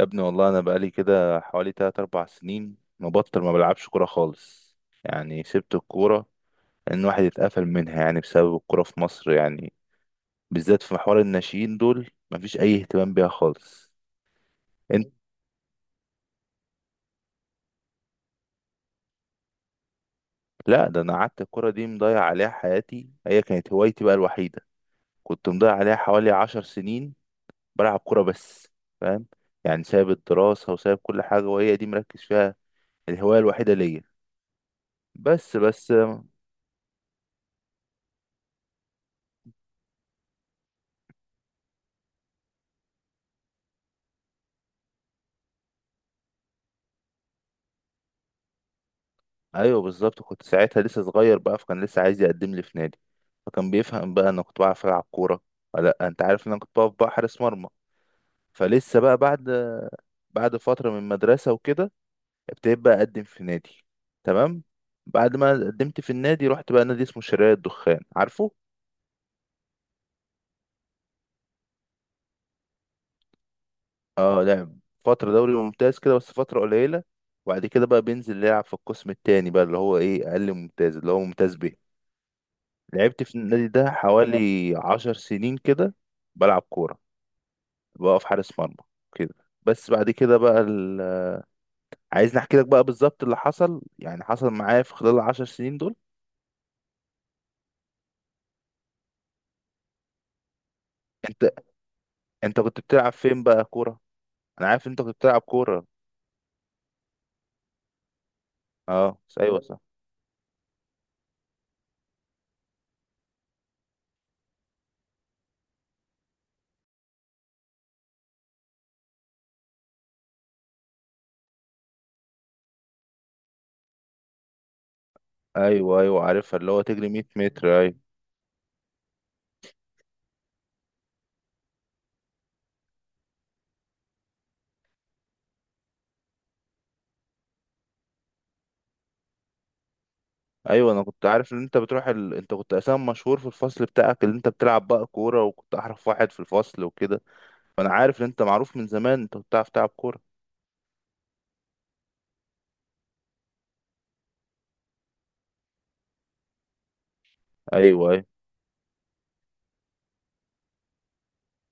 يا ابني والله انا بقالي كده حوالي 3 4 سنين مبطل ما بلعبش كوره خالص. يعني سبت الكوره ان واحد اتقفل منها، يعني بسبب الكوره في مصر، يعني بالذات في محور الناشئين دول مفيش اي اهتمام بيها خالص. انت لا ده انا قعدت الكوره دي مضيع عليها حياتي، هي كانت هوايتي بقى الوحيده، كنت مضيع عليها حوالي 10 سنين بلعب كوره بس، فاهم؟ يعني سايب الدراسه وسايب كل حاجه وهي دي مركز فيها، الهوايه الوحيده ليا. بس. ايوه بالظبط كنت ساعتها لسه صغير بقى، فكان لسه عايز يقدم لي في نادي. فكان بيفهم بقى انا كنت بعرف العب كوره ولا لأ. انت عارف ان انا كنت بقف بقى حارس مرمى. فلسه بقى بعد، بعد فتره من المدرسه وكده، ابتديت بقى اقدم في نادي. تمام. بعد ما قدمت في النادي رحت بقى نادي اسمه شراية الدخان، عارفه؟ اه لعب فتره دوري ممتاز كده بس فتره قليله، وبعد كده بقى بينزل يلعب في القسم التاني بقى، اللي هو ايه اقل ممتاز، اللي هو ممتاز به. لعبت في النادي ده حوالي عشر سنين كده، بلعب كورة، بقف حارس مرمى كده. بس بعد كده بقى ال... عايزني احكي لك بقى بالظبط اللي حصل، يعني حصل معايا في خلال العشر سنين دول. انت انت كنت بتلعب فين بقى كورة؟ انا عارف انت كنت بتلعب كورة. اه، ايوه، صح. ايوه ايوه عارفها، اللي هو تجري 100 متر، ايوه. ايوه انا كنت عارف ان انت بتروح ال... انت كنت اساسا مشهور في الفصل بتاعك، اللي انت بتلعب بقى كورة وكنت احرف واحد في الفصل وكده. فانا عارف ان انت معروف من زمان، انت كنت بتعرف تلعب كورة. ايوه، ايوه.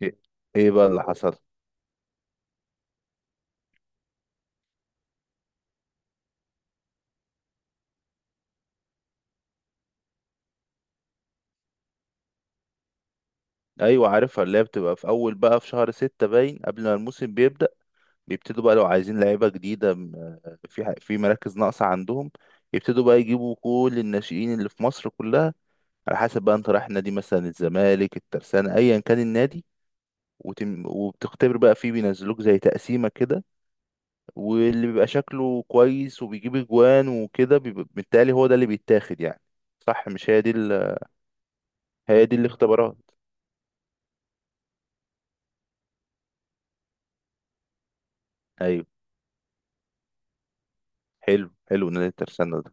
ايه إيه بقى اللي حصل؟ ايوه عارفها، اللي هي بتبقى في اول بقى في شهر ستة باين قبل ما الموسم بيبدأ. بيبتدوا بقى لو عايزين لعيبة جديدة في في مراكز ناقصة عندهم. يبتدوا بقى يجيبوا كل الناشئين اللي في مصر كلها. على حسب بقى انت رايح نادي، مثلا الزمالك، الترسانة، ايا كان النادي. وتم وبتختبر بقى فيه، بينزلوك زي تقسيمة كده. واللي بيبقى شكله كويس وبيجيب اجوان وكده بيبقى- بالتالي هو ده اللي بيتاخد يعني. صح، مش هي دي ال... هي دي الاختبارات؟ ايوه حلو حلو نادي الترسانة ده.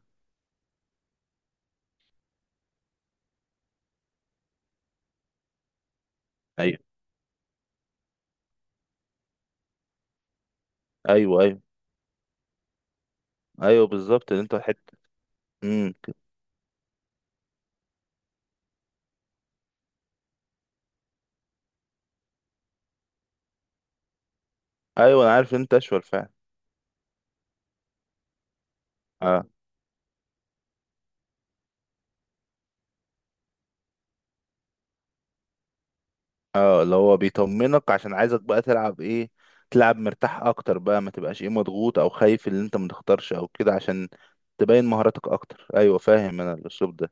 ايوه، ايوه، ايوه. ايوه بالظبط اللي انت حته. امم ايوه انا عارف إن انت اشول فعلا. اه. اه اللي هو بيطمنك عشان عايزك بقى تلعب ايه، تلعب مرتاح اكتر بقى، ما تبقاش ايه مضغوط او خايف اللي انت ما تختارش او كده، عشان تبين مهاراتك اكتر. ايوه فاهم انا الاسلوب ده.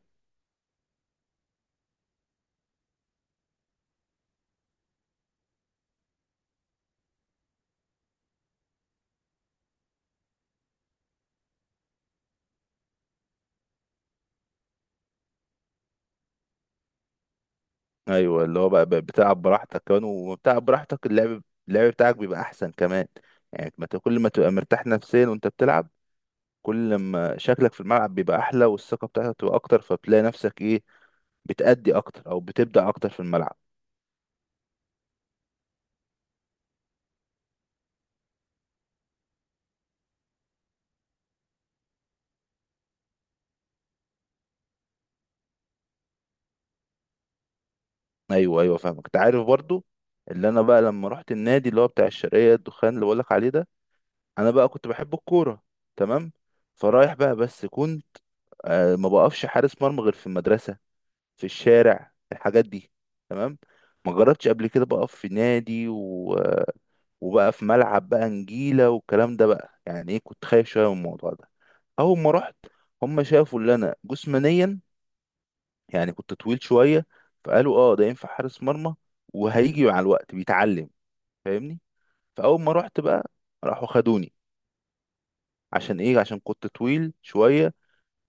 ايوه اللي هو بقى بتلعب براحتك كمان، وبتلعب براحتك اللعب، اللعب بتاعك بيبقى احسن كمان. يعني ما ت- كل ما تبقى مرتاح نفسيا وانت بتلعب، كل ما شكلك في الملعب بيبقى احلى والثقه بتاعتك بتبقى اكتر، فبتلاقي نفسك ايه، بتأدي اكتر او بتبدع اكتر في الملعب. ايوه، ايوه، فاهمك. انت عارف برضو اللي انا بقى لما رحت النادي اللي هو بتاع الشرقيه الدخان اللي بقولك عليه ده، انا بقى كنت بحب الكوره، تمام. فرايح بقى بس كنت ما بقفش حارس مرمى غير في المدرسه، في الشارع، في الحاجات دي. تمام. ما جربتش قبل كده بقف في نادي و... وبقى في ملعب بقى نجيله والكلام ده بقى، يعني ايه كنت خايف شويه من الموضوع ده. اول ما رحت، هم شافوا اللي انا جسمانيا، يعني كنت طويل شوية، فقالوا اه ده ينفع حارس مرمى وهيجي مع الوقت بيتعلم، فاهمني. فأول ما رحت بقى راحوا خدوني، عشان ايه، عشان كنت طويل شوية،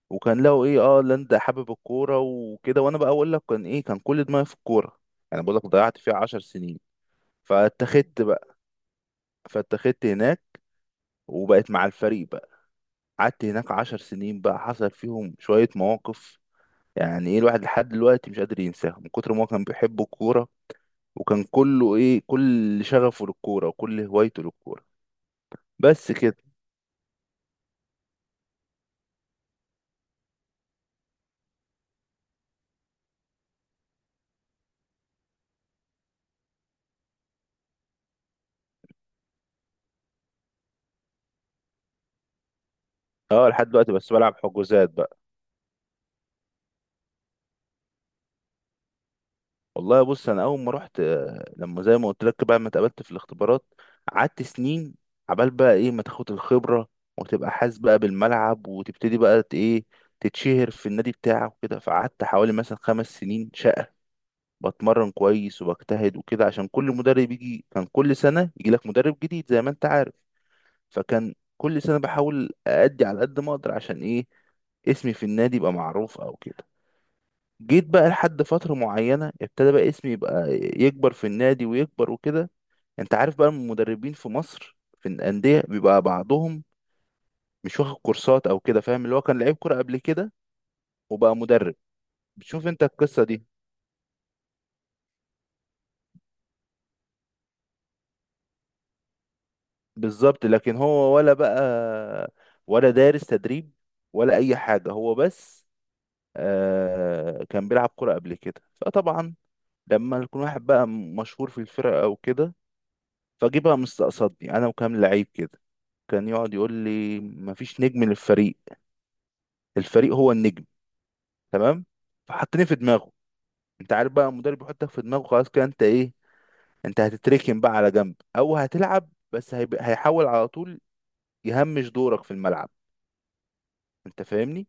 وكان لقوا ايه، اه لا انت حابب الكورة وكده، وانا بقى اقول لك كان ايه، كان كل دماغي في الكورة. يعني بقول لك ضيعت فيها عشر سنين. فاتخذت بقى، فاتخذت هناك وبقيت مع الفريق بقى. قعدت هناك عشر سنين بقى، حصل فيهم شوية مواقف، يعني ايه الواحد لحد دلوقتي مش قادر ينساها من كتر ما هو كان بيحب الكورة، وكان كله ايه كل شغفه للكوره وكل هوايته للكوره. بس كده. اه لحد دلوقتي بس بلعب حجوزات بقى. والله بص، انا اول ما رحت لما زي ما قلت لك بقى ما اتقابلت في الاختبارات، قعدت سنين عبال بقى ايه ما تاخد الخبره وتبقى حاسس بقى بالملعب وتبتدي بقى ايه تتشهر في النادي بتاعك وكده. فقعدت حوالي مثلا خمس سنين شقه، بتمرن كويس وبجتهد وكده، عشان كل مدرب يجي، كان كل سنه يجي لك مدرب جديد زي ما انت عارف. فكان كل سنة بحاول أأدي على قد ما أقدر، عشان إيه، اسمي في النادي يبقى معروف أو كده. جيت بقى لحد فترة معينة ابتدى بقى اسمي يبقى يكبر في النادي ويكبر وكده. أنت عارف بقى المدربين في مصر في الأندية بيبقى بعضهم مش واخد كورسات أو كده، فاهم، اللي هو كان لعيب كورة قبل كده وبقى مدرب. بتشوف أنت القصة دي؟ بالظبط، لكن هو ولا بقى ولا دارس تدريب ولا أي حاجة، هو بس آه كان بيلعب كورة قبل كده، فطبعا لما يكون واحد بقى مشهور في الفرقة أو كده، فجي بقى مستقصدني أنا وكام لعيب كده. كان يقعد يقول لي مفيش نجم للفريق، الفريق هو النجم، تمام. فحطني في دماغه، أنت عارف بقى المدرب بيحطك في دماغه خلاص، كده أنت إيه، أنت هتتركن بقى على جنب، أو هتلعب بس هيبقى هيحاول على طول يهمش دورك في الملعب. أنت فاهمني؟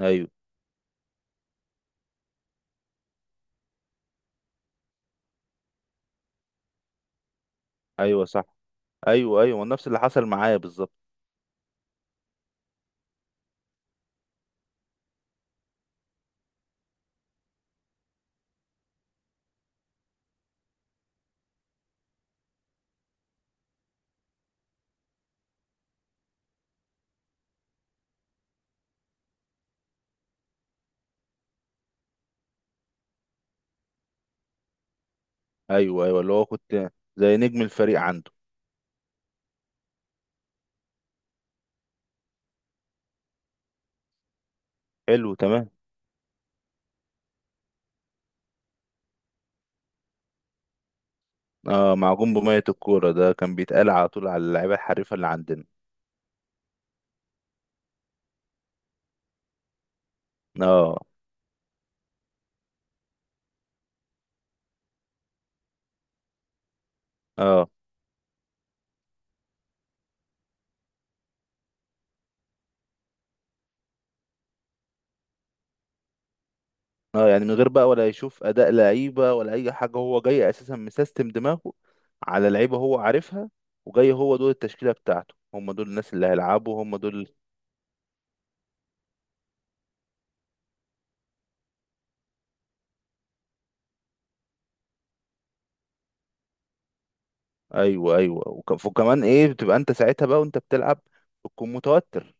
أيوه، أيوه، صح. أيوه أيوه نفس اللي حصل معايا بالظبط. أيوه أيوه اللي هو كنت زي نجم الفريق عنده. حلو، تمام. اه معجون بمية الكورة، ده كان بيتقال على طول على اللعيبة الحريفة اللي عندنا. اه. اه. اه يعني من غير بقى ولا يشوف أداء لعيبة ولا أي حاجة، هو جاي أساسا مسيستم دماغه على لعيبة هو عارفها، وجاي هو دول التشكيلة بتاعته، هم دول الناس اللي هيلعبوا هم دول. أيوه، أيوه. وكمان إيه بتبقى أنت ساعتها بقى وأنت بتلعب بتكون متوتر،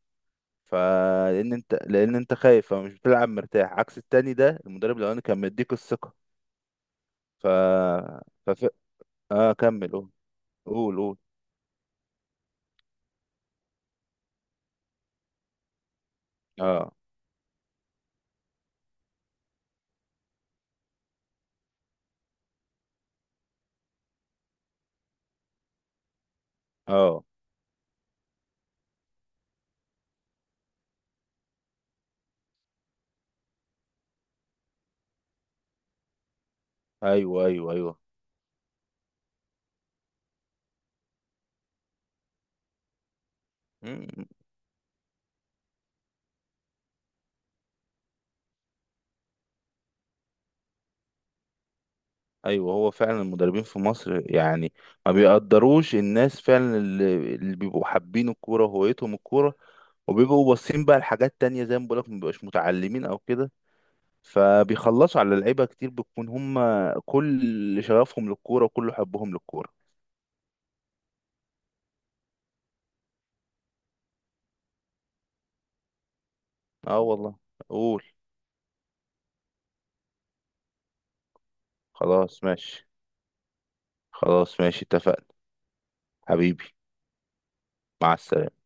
فلأن أنت لأن أنت خايف فمش بتلعب مرتاح، عكس التاني ده المدرب الأولاني كان مديك الثقة. ف... فف... اه كمل قول. قول قول. اه. اه. ايوه، ايوه، ايوه. مم. ايوه هو فعلا المدربين في مصر يعني ما بيقدروش الناس فعلا اللي بيبقوا حابين الكوره وهويتهم الكوره، وبيبقوا باصين بقى لحاجات تانية زي ما بقولك، ما بيبقاش متعلمين او كده، فبيخلصوا على لعيبه كتير بتكون هم كل شغفهم للكوره وكل حبهم للكوره. اه والله. قول. خلاص ماشي، خلاص ماشي، اتفقنا. حبيبي. مع السلامه.